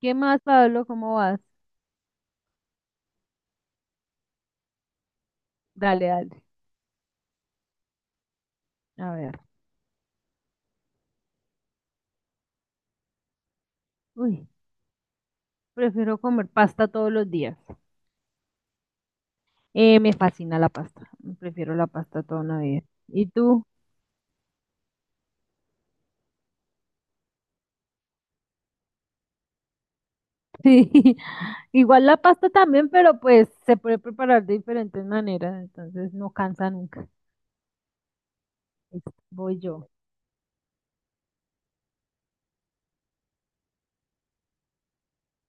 ¿Qué más, Pablo? ¿Cómo vas? Dale, dale. A ver. Uy, prefiero comer pasta todos los días. Me fascina la pasta. Prefiero la pasta toda una vida. ¿Y tú? Sí, igual la pasta también, pero pues se puede preparar de diferentes maneras, entonces no cansa nunca. Listo, voy yo.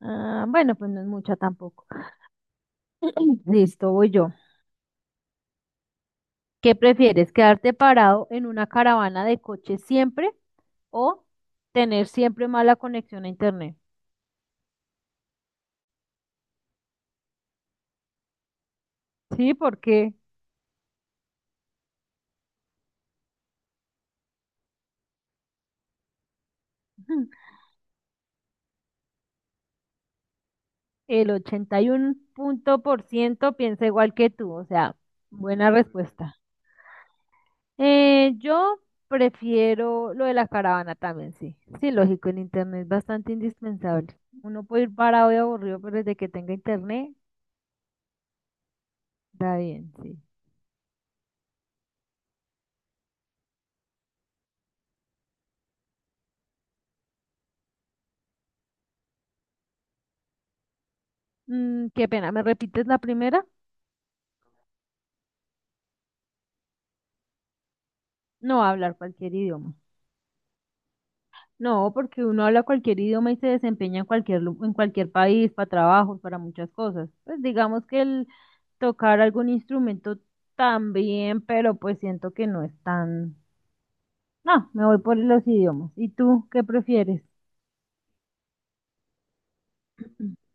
Ah, bueno, pues no es mucha tampoco. Listo, voy yo. ¿Qué prefieres? ¿Quedarte parado en una caravana de coches siempre o tener siempre mala conexión a internet? Sí, ¿por qué? El 81 punto por ciento piensa igual que tú, o sea, buena respuesta. Yo prefiero lo de la caravana también, sí. Sí, lógico, el internet es bastante indispensable. Uno puede ir parado y aburrido, pero desde que tenga internet, está bien, sí. Qué pena, ¿me repites la primera? No, hablar cualquier idioma. No, porque uno habla cualquier idioma y se desempeña en cualquier, en cualquier país, para trabajos, para muchas cosas. Pues digamos que el tocar algún instrumento también, pero pues siento que no es tan... No, me voy por los idiomas. ¿Y tú qué prefieres?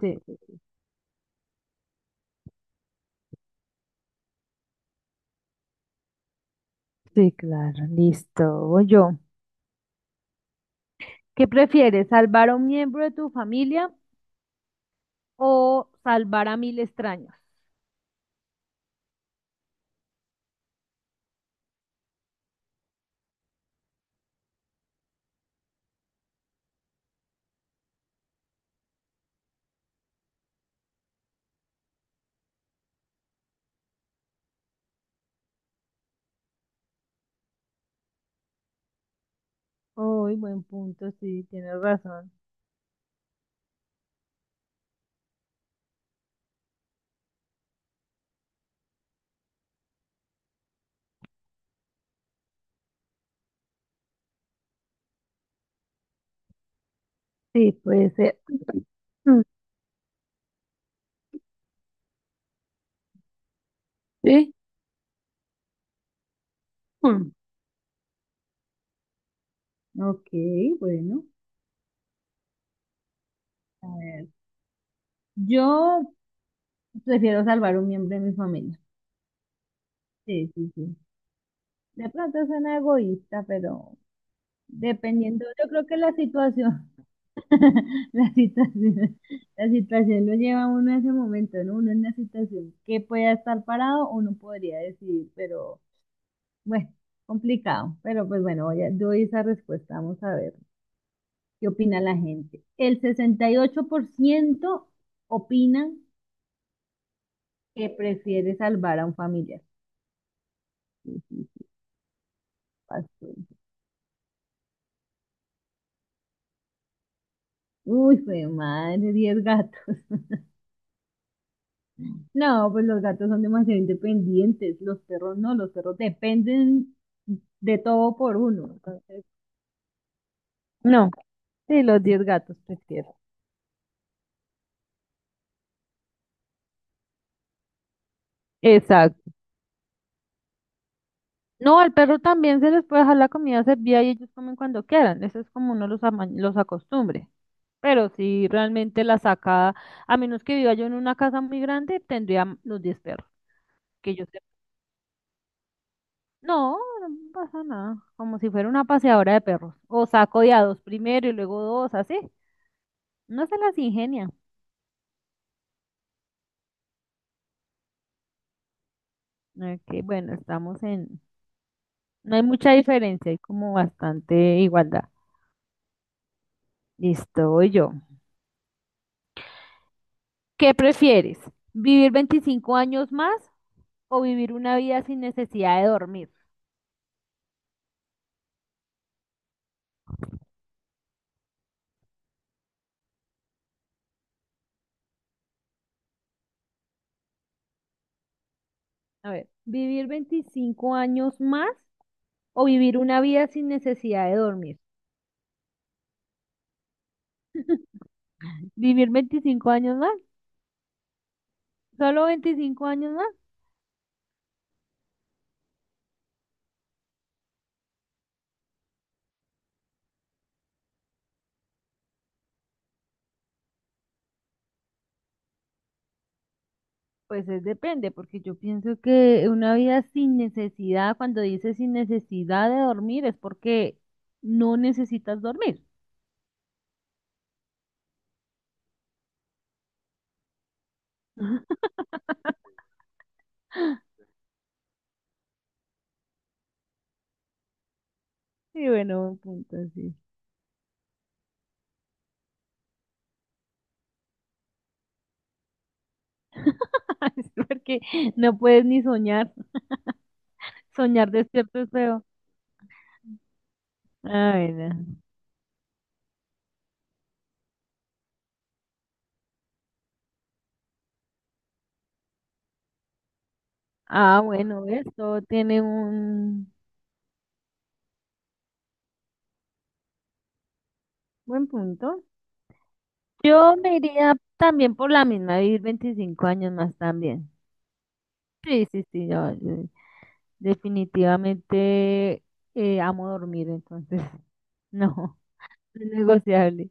Sí, sí, claro, listo. Voy yo. ¿Qué prefieres, salvar a un miembro de tu familia o salvar a 1.000 extraños? Uy, buen punto, sí, tienes razón. Sí, puede ser. Mm. ¿Sí? Mm. Ok, bueno. A ver, yo prefiero salvar un miembro de mi familia. Sí, sí, sí. De pronto suena egoísta, pero dependiendo, yo creo que la situación, la situación, la situación lo lleva a uno a ese momento, ¿no? Uno en la situación que pueda estar parado, uno podría decidir, pero bueno, complicado. Pero pues bueno, doy esa respuesta, vamos a ver qué opina la gente. El 68% opinan que prefiere salvar a un familiar. Sí, sí, sí, pasó. Uy, fue madre, 10 gatos. No, pues los gatos son demasiado independientes, los perros no, los perros dependen de todo por uno. Entonces, no, sí, los 10 gatos prefiero. Exacto. No, al perro también se les puede dejar la comida servida y ellos comen cuando quieran. Eso es como uno los, los acostumbre. Pero si realmente la saca, a menos que viva yo en una casa muy grande, tendría los 10 perros. Que yo sepa. No, no pasa nada. Como si fuera una paseadora de perros. O saco de a dos primero y luego dos, así. No se las ingenia. Ok, bueno, estamos en... No hay mucha diferencia, hay como bastante igualdad. Listo, voy yo. ¿Qué prefieres? ¿Vivir 25 años más o vivir una vida sin necesidad de dormir? A ver, ¿vivir 25 años más o vivir una vida sin necesidad de dormir? ¿Vivir 25 años más? ¿Solo 25 años más? Pues es depende, porque yo pienso que una vida sin necesidad, cuando dices sin necesidad de dormir, es porque no necesitas dormir. ¡Ah! Sí, bueno, buen punto, sí. Es porque no puedes ni soñar. Soñar despierto es feo. ah bueno Ah, bueno, esto tiene un buen punto. Yo me iría también por la misma, vivir 25 años más también. Sí, sí, sí, yo definitivamente amo dormir, entonces no, no es negociable.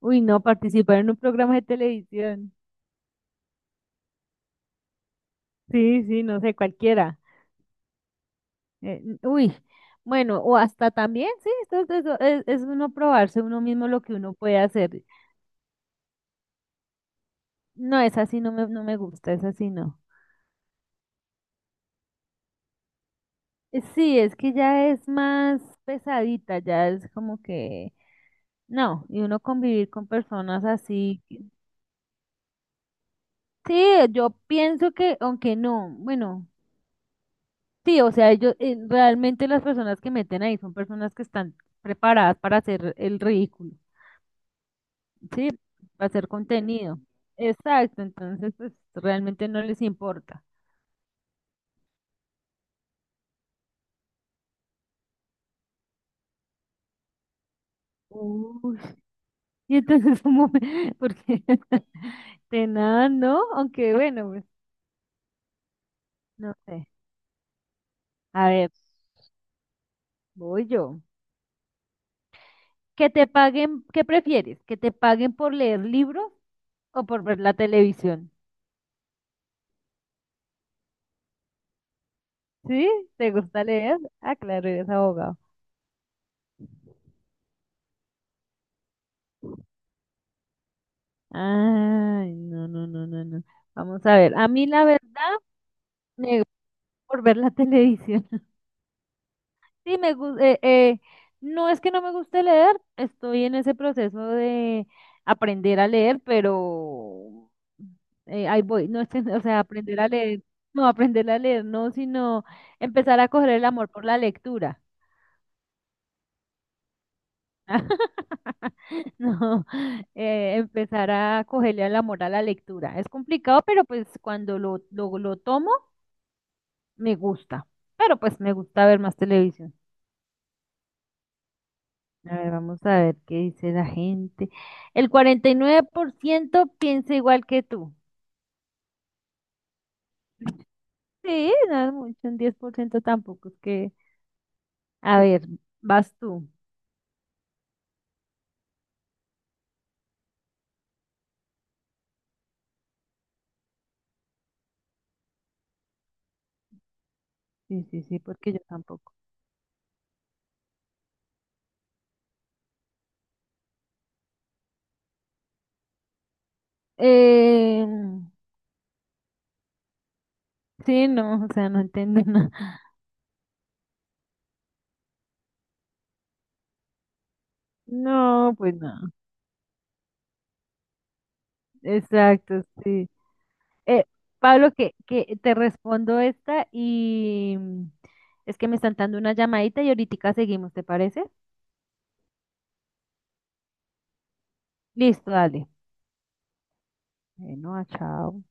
Uy, no, participar en un programa de televisión. Sí, sí, no sé, cualquiera. Uy, bueno, o hasta también, sí, esto es uno probarse uno mismo lo que uno puede hacer. No, es así, no me gusta, es así, no. Sí, es que ya es más pesadita, ya es como que, no, y uno convivir con personas así. Sí, yo pienso que, aunque no, bueno, sí, o sea, ellos, realmente las personas que meten ahí son personas que están preparadas para hacer el ridículo. Sí, hacer contenido. Exacto, entonces pues realmente no les importa. Uy. Y entonces porque de nada, ¿no? Aunque bueno, pues no sé. A ver, voy yo. ¿Que te paguen, qué prefieres? ¿Que te paguen por leer libros o por ver la televisión? ¿Sí? ¿Te gusta leer? Ah, claro, eres abogado. Ay, no, no, no, no, no. Vamos a ver. A mí la verdad me por ver la televisión. Sí, no es que no me guste leer, estoy en ese proceso de aprender a leer, pero ahí voy, no es que, o sea, aprender a leer, no aprender a leer, no, sino empezar a coger el amor por la lectura. No, empezar a cogerle el amor a la lectura. Es complicado, pero pues cuando lo tomo, me gusta. Pero pues me gusta ver más televisión. A ver, vamos a ver qué dice la gente. El 49% piensa igual que tú. Sí, no es mucho, un 10% tampoco. Es que, a ver, vas tú. Sí, sí, sí, porque yo tampoco. Eh, sí, no, o sea, no entiendo nada. No, pues no. Exacto, sí. Eh, Pablo, que te respondo esta y es que me están dando una llamadita y ahorita seguimos, ¿te parece? Listo, dale. Bueno, ah, chao.